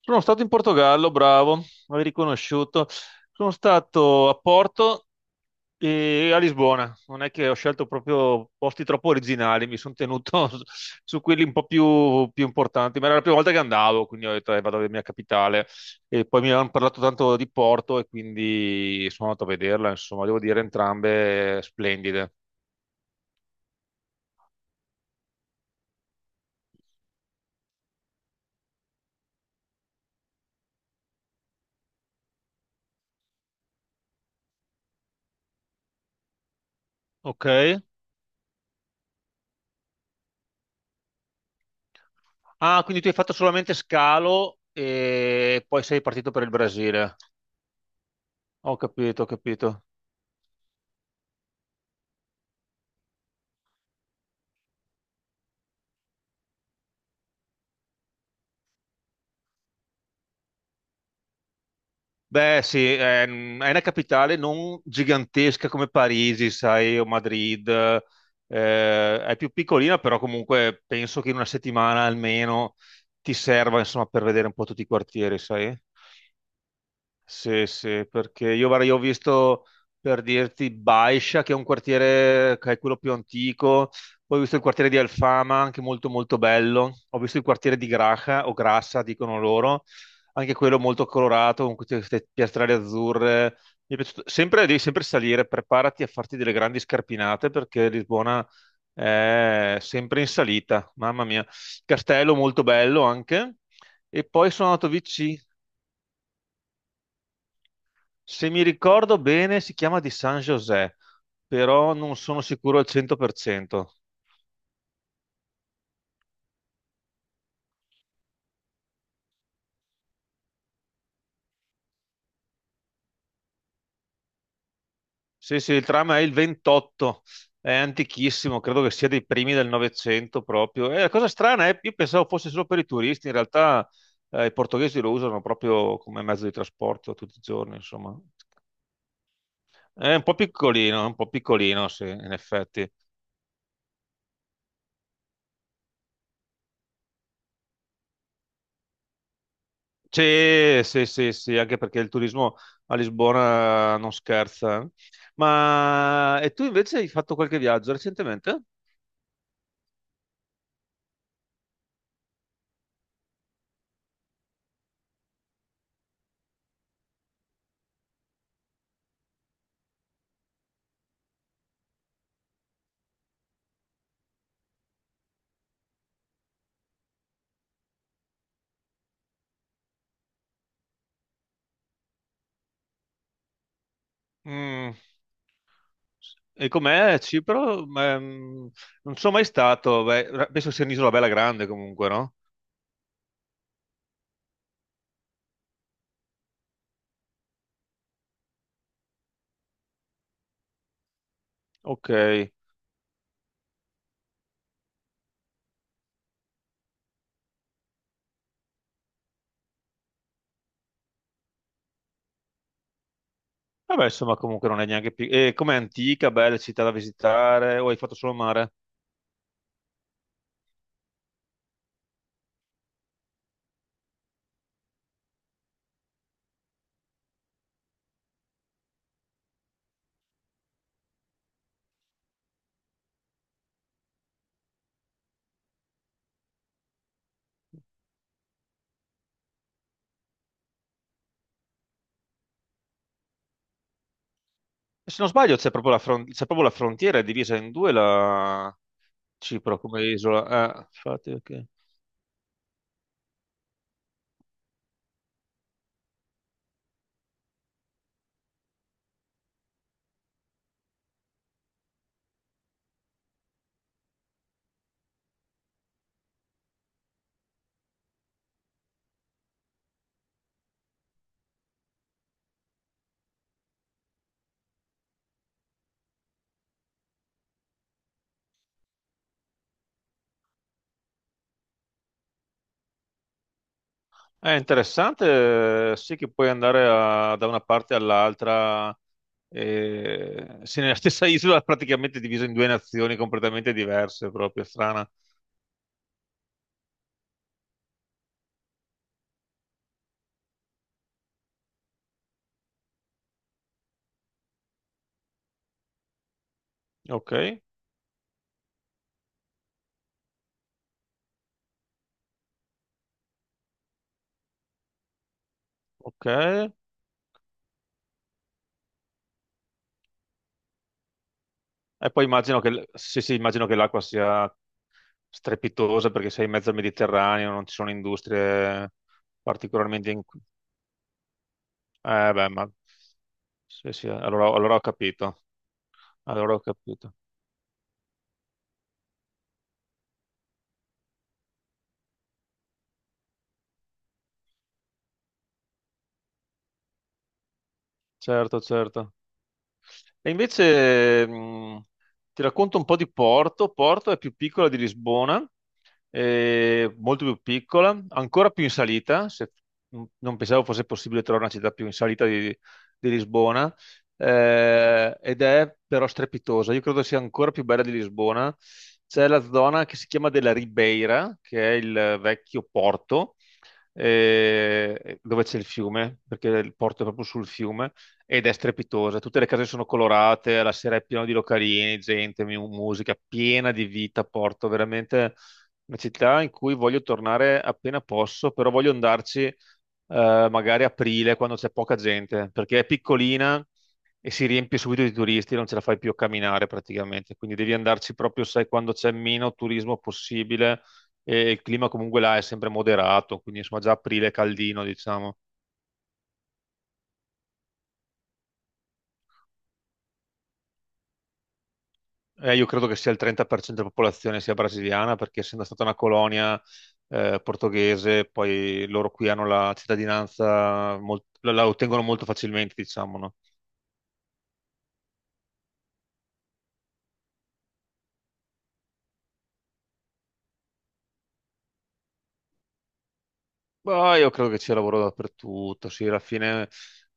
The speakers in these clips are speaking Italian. Sono stato in Portogallo, bravo, avevi riconosciuto. Sono stato a Porto e a Lisbona. Non è che ho scelto proprio posti troppo originali, mi sono tenuto su quelli un po' più importanti, ma era la prima volta che andavo, quindi ho detto, "Vado alla mia capitale. E poi mi hanno parlato tanto di Porto e quindi sono andato a vederla, insomma, devo dire entrambe splendide." Ok. Ah, quindi tu hai fatto solamente scalo e poi sei partito per il Brasile. Ho capito, ho capito. Beh, sì, è una capitale non gigantesca come Parigi, sai, o Madrid, è più piccolina, però comunque penso che in una settimana almeno ti serva, insomma, per vedere un po' tutti i quartieri, sai? Sì, sì, perché io, guarda, io ho visto per dirti Baiscia, che è un quartiere che è quello più antico, poi ho visto il quartiere di Alfama, anche molto molto bello, ho visto il quartiere di Graja o Grassa, dicono loro, anche quello molto colorato, con queste piastrelle azzurre. Mi è piaciuto. Sempre, devi sempre salire, preparati a farti delle grandi scarpinate perché Lisbona è sempre in salita, mamma mia. Castello molto bello anche. E poi sono andato vicino. Se mi ricordo bene, si chiama di San José, però non sono sicuro al 100%. Sì, sì, il tram è il 28, è antichissimo, credo che sia dei primi del Novecento proprio. E la cosa strana è, io pensavo fosse solo per i turisti, in realtà i portoghesi lo usano proprio come mezzo di trasporto tutti i giorni, insomma. È un po' piccolino, è un po' piccolino, sì, in effetti. Sì, sì, sì, sì, anche perché il turismo a Lisbona non scherza. Ma e tu invece hai fatto qualche viaggio recentemente? Mm. E com'è Cipro? Non sono mai stato, beh, penso sia un'isola bella grande comunque, no? Ok. Vabbè, insomma, comunque non è neanche piccola. E com'è antica, bella città da visitare, o hai fatto solo mare? Se non sbaglio c'è proprio c'è proprio la frontiera, è divisa in due la Cipro come isola. Infatti, ok. È interessante, sì, che puoi andare da una parte all'altra, se nella stessa isola praticamente divisa in due nazioni completamente diverse, proprio strana. Ok, ok. E poi immagino che, sì, sì, immagino che l'acqua sia strepitosa perché sei in mezzo al Mediterraneo, non ci sono industrie particolarmente. Beh, ma. Sì, sì, allora ho capito, allora ho capito. Certo, certo. E invece ti racconto un po' di Porto. Porto è più piccola di Lisbona, molto più piccola, ancora più in salita. Non pensavo fosse possibile trovare una città più in salita di Lisbona, ed è però strepitosa. Io credo sia ancora più bella di Lisbona. C'è la zona che si chiama della Ribeira, che è il vecchio porto, dove c'è il fiume, perché il porto è proprio sul fiume ed è strepitosa. Tutte le case sono colorate, la sera è piena di localini, gente, musica, piena di vita. Porto veramente una città in cui voglio tornare appena posso, però voglio andarci magari aprile quando c'è poca gente, perché è piccolina e si riempie subito di turisti, non ce la fai più a camminare praticamente. Quindi devi andarci proprio, sai, quando c'è meno turismo possibile. E il clima comunque là è sempre moderato, quindi insomma già aprile è caldino, diciamo. Io credo che sia il 30% della popolazione sia brasiliana, perché essendo stata una colonia portoghese, poi loro qui hanno la cittadinanza, la ottengono molto facilmente, diciamo, no? Ma io credo che c'è lavoro dappertutto, sì, alla fine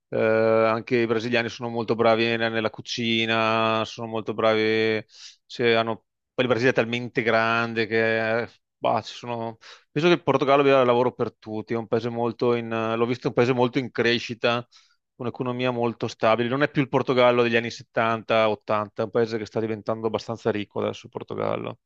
anche i brasiliani sono molto bravi nella cucina, sono molto bravi, cioè, poi il Brasile è talmente grande che bah, penso che il Portogallo abbia lavoro per tutti, è un paese molto in, l'ho visto, è un paese molto in crescita, un'economia molto stabile, non è più il Portogallo degli anni 70-80, è un paese che sta diventando abbastanza ricco adesso il Portogallo.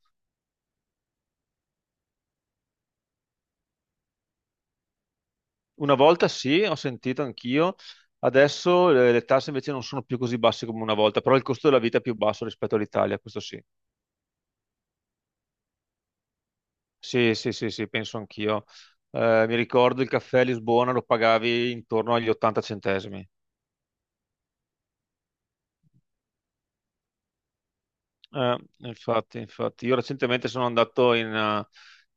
Una volta sì, ho sentito anch'io. Adesso le tasse invece non sono più così basse come una volta, però il costo della vita è più basso rispetto all'Italia, questo sì. Sì, sì, sì, sì, penso anch'io. Mi ricordo il caffè a Lisbona lo pagavi intorno agli 80 centesimi. Infatti, infatti. Io recentemente sono andato in,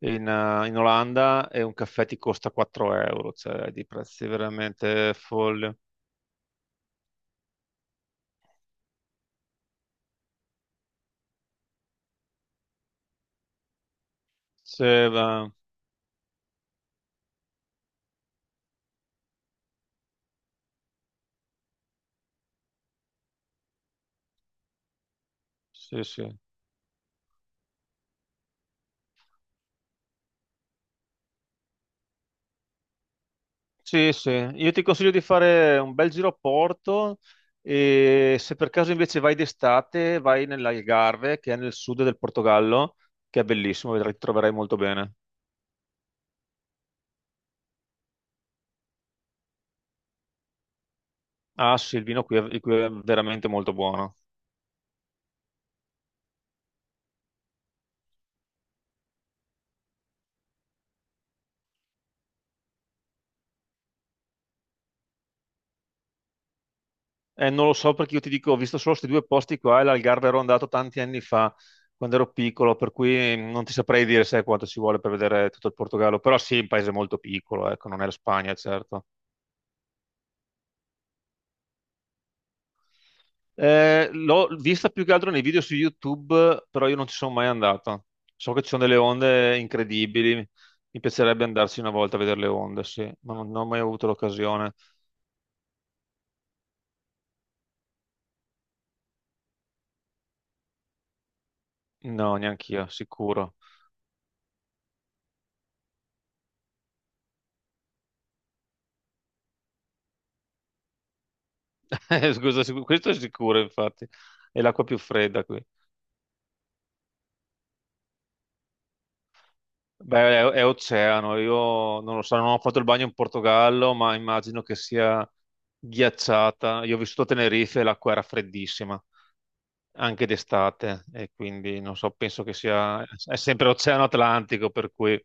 eh, in, eh, in Olanda e un caffè ti costa 4 euro, cioè di prezzi veramente folli. Sì, va. Sì, sì. Sì, sì, io ti consiglio di fare un bel giro a Porto e se per caso invece vai d'estate, vai nell'Algarve, che è nel sud del Portogallo, che è bellissimo, vedrai, ti troverai molto bene. Ah sì, il vino qui è veramente molto buono. Non lo so perché io ti dico, ho visto solo questi due posti qua e l'Algarve ero andato tanti anni fa, quando ero piccolo, per cui non ti saprei dire sai quanto ci vuole per vedere tutto il Portogallo, però sì, è un paese molto piccolo, ecco, non è la Spagna, certo. L'ho vista più che altro nei video su YouTube, però io non ci sono mai andato. So che ci sono delle onde incredibili. Mi piacerebbe andarci una volta a vedere le onde, sì, ma non ho mai avuto l'occasione. No, neanch'io, sicuro. Scusa, questo è sicuro, infatti. È l'acqua più fredda qui. Beh, è oceano. Io non lo so, non ho fatto il bagno in Portogallo, ma immagino che sia ghiacciata. Io ho vissuto a Tenerife e l'acqua era freddissima, anche d'estate e quindi non so, penso che sia è sempre l'Oceano Atlantico, per cui